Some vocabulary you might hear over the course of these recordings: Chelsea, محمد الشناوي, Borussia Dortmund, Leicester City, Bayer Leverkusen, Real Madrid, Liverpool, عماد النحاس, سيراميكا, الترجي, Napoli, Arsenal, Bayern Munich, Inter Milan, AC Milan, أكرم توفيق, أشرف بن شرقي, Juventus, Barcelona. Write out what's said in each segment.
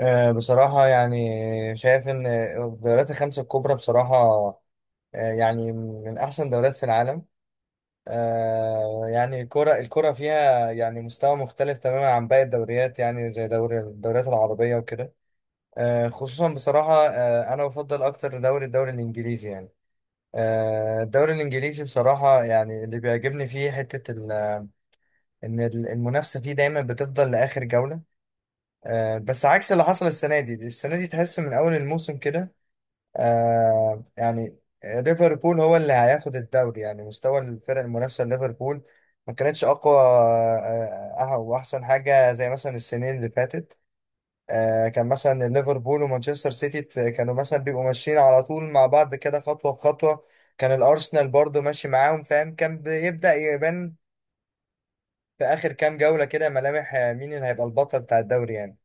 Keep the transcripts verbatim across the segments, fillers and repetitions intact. آه، بصراحة يعني شايف إن الدوريات الخمسة الكبرى بصراحة، آه، يعني من أحسن دوريات في العالم. آه، يعني الكرة الكرة فيها يعني مستوى مختلف تماما عن باقي الدوريات، يعني زي دوري الدوريات العربية وكده. آه، خصوصا بصراحة، آه، أنا بفضل أكتر دوري الدوري الإنجليزي يعني. آه، الدوري الإنجليزي بصراحة، يعني اللي بيعجبني فيه حتة ال- إن المنافسة فيه دايما بتفضل لآخر جولة. آه، بس عكس اللي حصل السنة دي السنة دي تحس من أول الموسم كده. آه يعني ليفربول هو اللي هياخد الدوري، يعني مستوى الفرق المنافسة ليفربول ما كانتش أقوى آه، آه، وأحسن حاجة زي مثلا السنين اللي فاتت. آه كان مثلا ليفربول ومانشستر سيتي ت- كانوا مثلا بيبقوا ماشيين على طول مع بعض كده، خطوة بخطوة. كان الأرسنال برضو ماشي معاهم فاهم، كان بيبدأ يبان في آخر كام جولة كده ملامح آه، مين اللي هيبقى البطل بتاع الدوري يعني.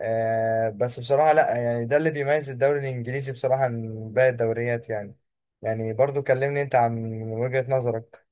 آه بس بصراحة لا، يعني ده اللي بيميز الدوري الإنجليزي بصراحة من باقي الدوريات يعني. يعني برضو كلمني أنت عن وجهة نظرك.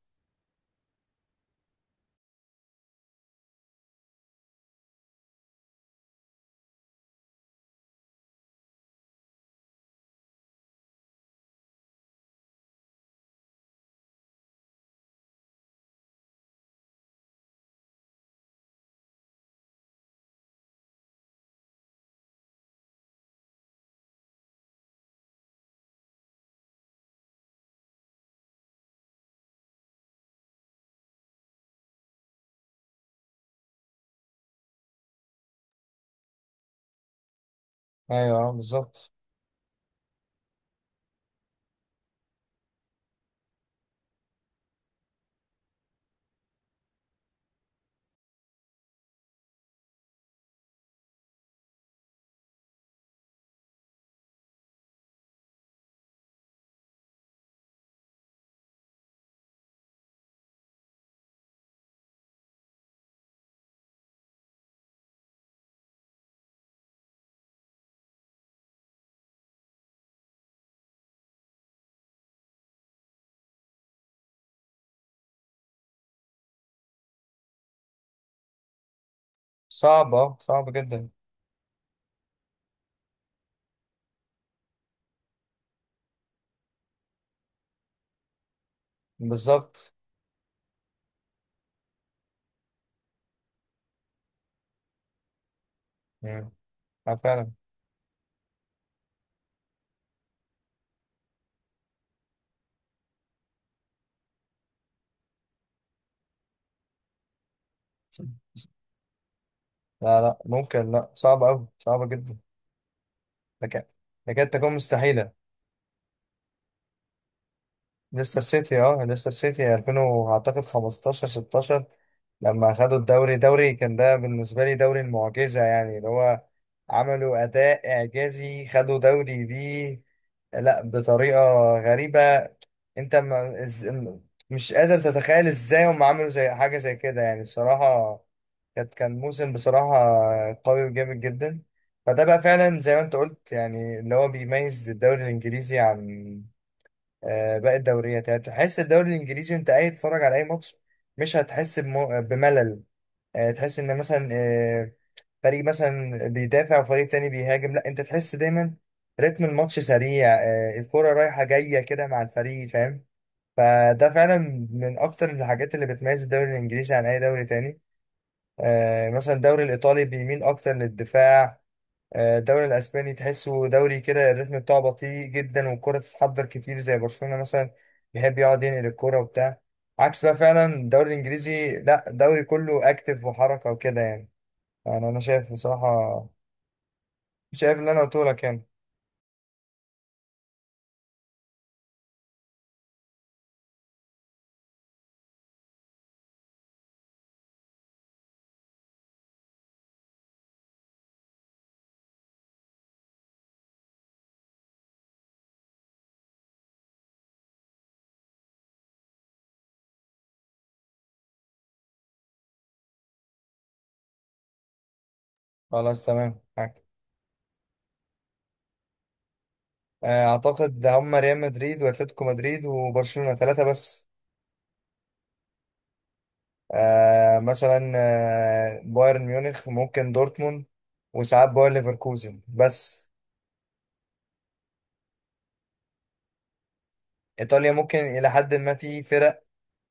أيوه بالظبط. صعب، أه صعب جدا. بالظبط. مم. أه فعلا. لا، لا، ممكن لا، صعب أوي، صعبة جدا. لكن لكن تكون مستحيلة. ليستر سيتي اه ليستر سيتي ألفين و- اعتقد خمستاشر ستاشر لما خدوا الدوري دوري كان ده بالنسبة لي دوري المعجزة، يعني اللي هو عملوا أداء إعجازي، خدوا دوري بيه. لا، بطريقة غريبة. أنت ما إز... مش قادر تتخيل إزاي هم عملوا زي حاجة زي كده يعني الصراحة. كانت كان موسم بصراحة قوي وجامد جدا. فده بقى فعلا زي ما أنت قلت، يعني اللي هو بيميز الدوري الإنجليزي عن آه، باقي الدوريات، يعني تحس الدوري الانجليزي انت قاعد تتفرج على اي ماتش، مش هتحس بم- بملل. آه، تحس ان مثلا آه، فريق مثلا بيدافع وفريق تاني بيهاجم، لا انت تحس دايما رتم الماتش سريع، آه، الكرة رايحة جاية كده مع الفريق فاهم. فده فعلا من اكتر الحاجات اللي بتميز الدوري الانجليزي عن اي دوري تاني. آه، مثلا الدوري الايطالي بيميل اكتر للدفاع. آه، الدوري الاسباني تحسه دوري كده، الريتم بتاعه بطيء جدا والكرة تتحضر كتير، زي برشلونة مثلا بيحب يقعد ينقل الكرة وبتاع. عكس بقى فعلا الدوري الانجليزي، لا، الدوري كله اكتف وحركة وكده يعني. انا انا شايف بصراحة، شايف اللي انا قلته لك يعني. خلاص تمام معاك. آه، اعتقد هم ريال مدريد واتلتيكو مدريد وبرشلونة، ثلاثة بس. آه، مثلا آه، بايرن ميونخ، ممكن دورتموند، وساعات باير ليفركوزن بس. ايطاليا ممكن الى حد ما في فرق.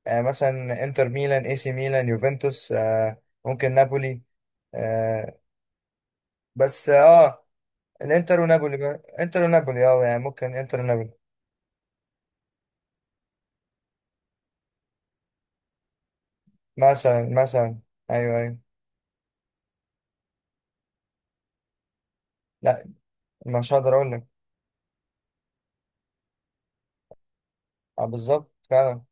آه، مثلا انتر ميلان، اي سي ميلان، يوفنتوس، آه، ممكن نابولي. آه، بس اه، الانتر ونابولي بقى. انتر ونابولي، اه يعني ممكن انتر ونابولي. مثلا، مثلا، ايوه، ايوه. لا، مش هقدر اقول لك. آه، بالظبط فعلا.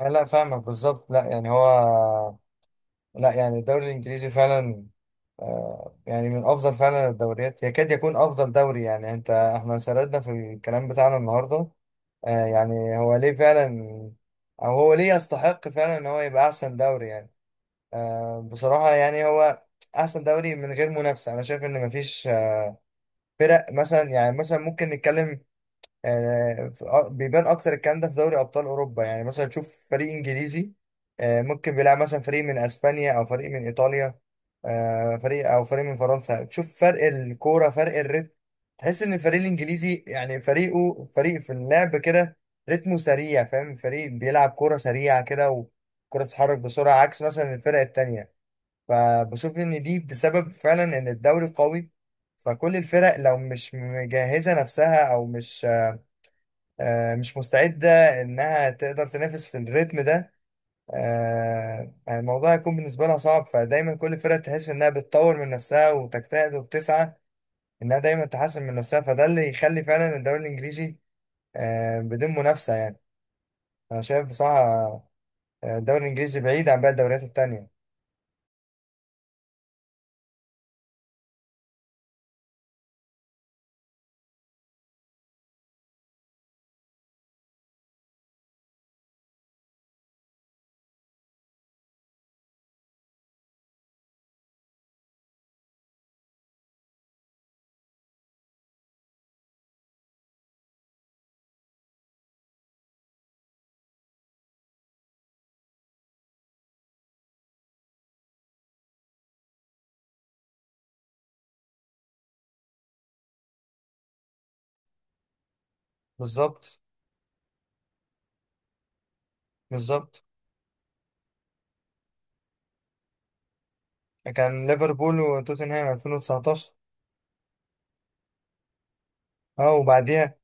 آه، لا، فاهمك بالظبط، لا يعني هو، لا يعني الدوري الانجليزي فعلا آه، يعني من افضل فعلا الدوريات، يكاد يكون افضل دوري. يعني انت احنا سردنا في الكلام بتاعنا النهارده آه، يعني هو ليه فعلا، او هو ليه يستحق فعلا ان هو يبقى احسن دوري يعني. آه، بصراحة يعني هو احسن دوري من غير منافسة. انا شايف ان مفيش، آه، فرق مثلا، يعني مثلا ممكن نتكلم، يعني في- آه، بيبان اكتر الكلام ده في دوري ابطال اوروبا. يعني مثلا تشوف فريق انجليزي آه، ممكن بيلعب مثلا فريق من اسبانيا او فريق من ايطاليا، آه، فريق او فريق من فرنسا، تشوف فرق الكوره، فرق الريتم، تحس ان الفريق الانجليزي يعني فريقه فريق في اللعب كده، رتمه سريع فاهم، فريق بيلعب كوره سريعه كده، وكرة بتتحرك بسرعه، عكس مثلا الفرق التانيه. فبشوف ان دي بسبب فعلا ان الدوري قوي، فكل الفرق لو مش مجهزه نفسها او مش آه، مش مستعدة إنها تقدر تنافس في الريتم ده، آه، يعني الموضوع هيكون بالنسبة لها صعب. فدايما كل فرقة تحس إنها بتطور من نفسها وتجتهد وبتسعى إنها دايما تحسن من نفسها، فده اللي يخلي فعلا الدوري الإنجليزي آه، بدون منافسة يعني. أنا شايف بصراحة آه، الدوري الإنجليزي بعيد عن باقي الدوريات التانية. بالظبط. بالظبط. كان ليفربول وتوتنهام ألفين وتسعتاشر. اه، وبعديها،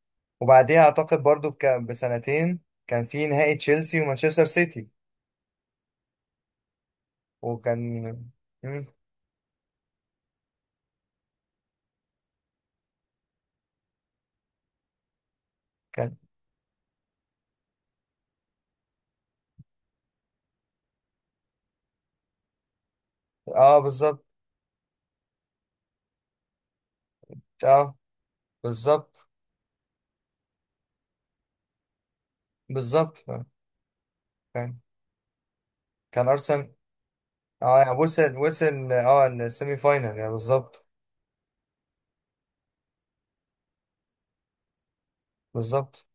وبعديها أعتقد برضو بك- بسنتين كان في نهائي تشيلسي ومانشستر سيتي. وكان مين؟ كان. اه بالظبط. اه بالظبط. بالظبط. كان. كان ارسنال. اه يعني وصل وصل اه السيمي فاينال، يعني بالظبط. بالظبط.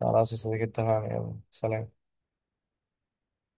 خلاص يا صديقي، اتفقنا، يلا سلام.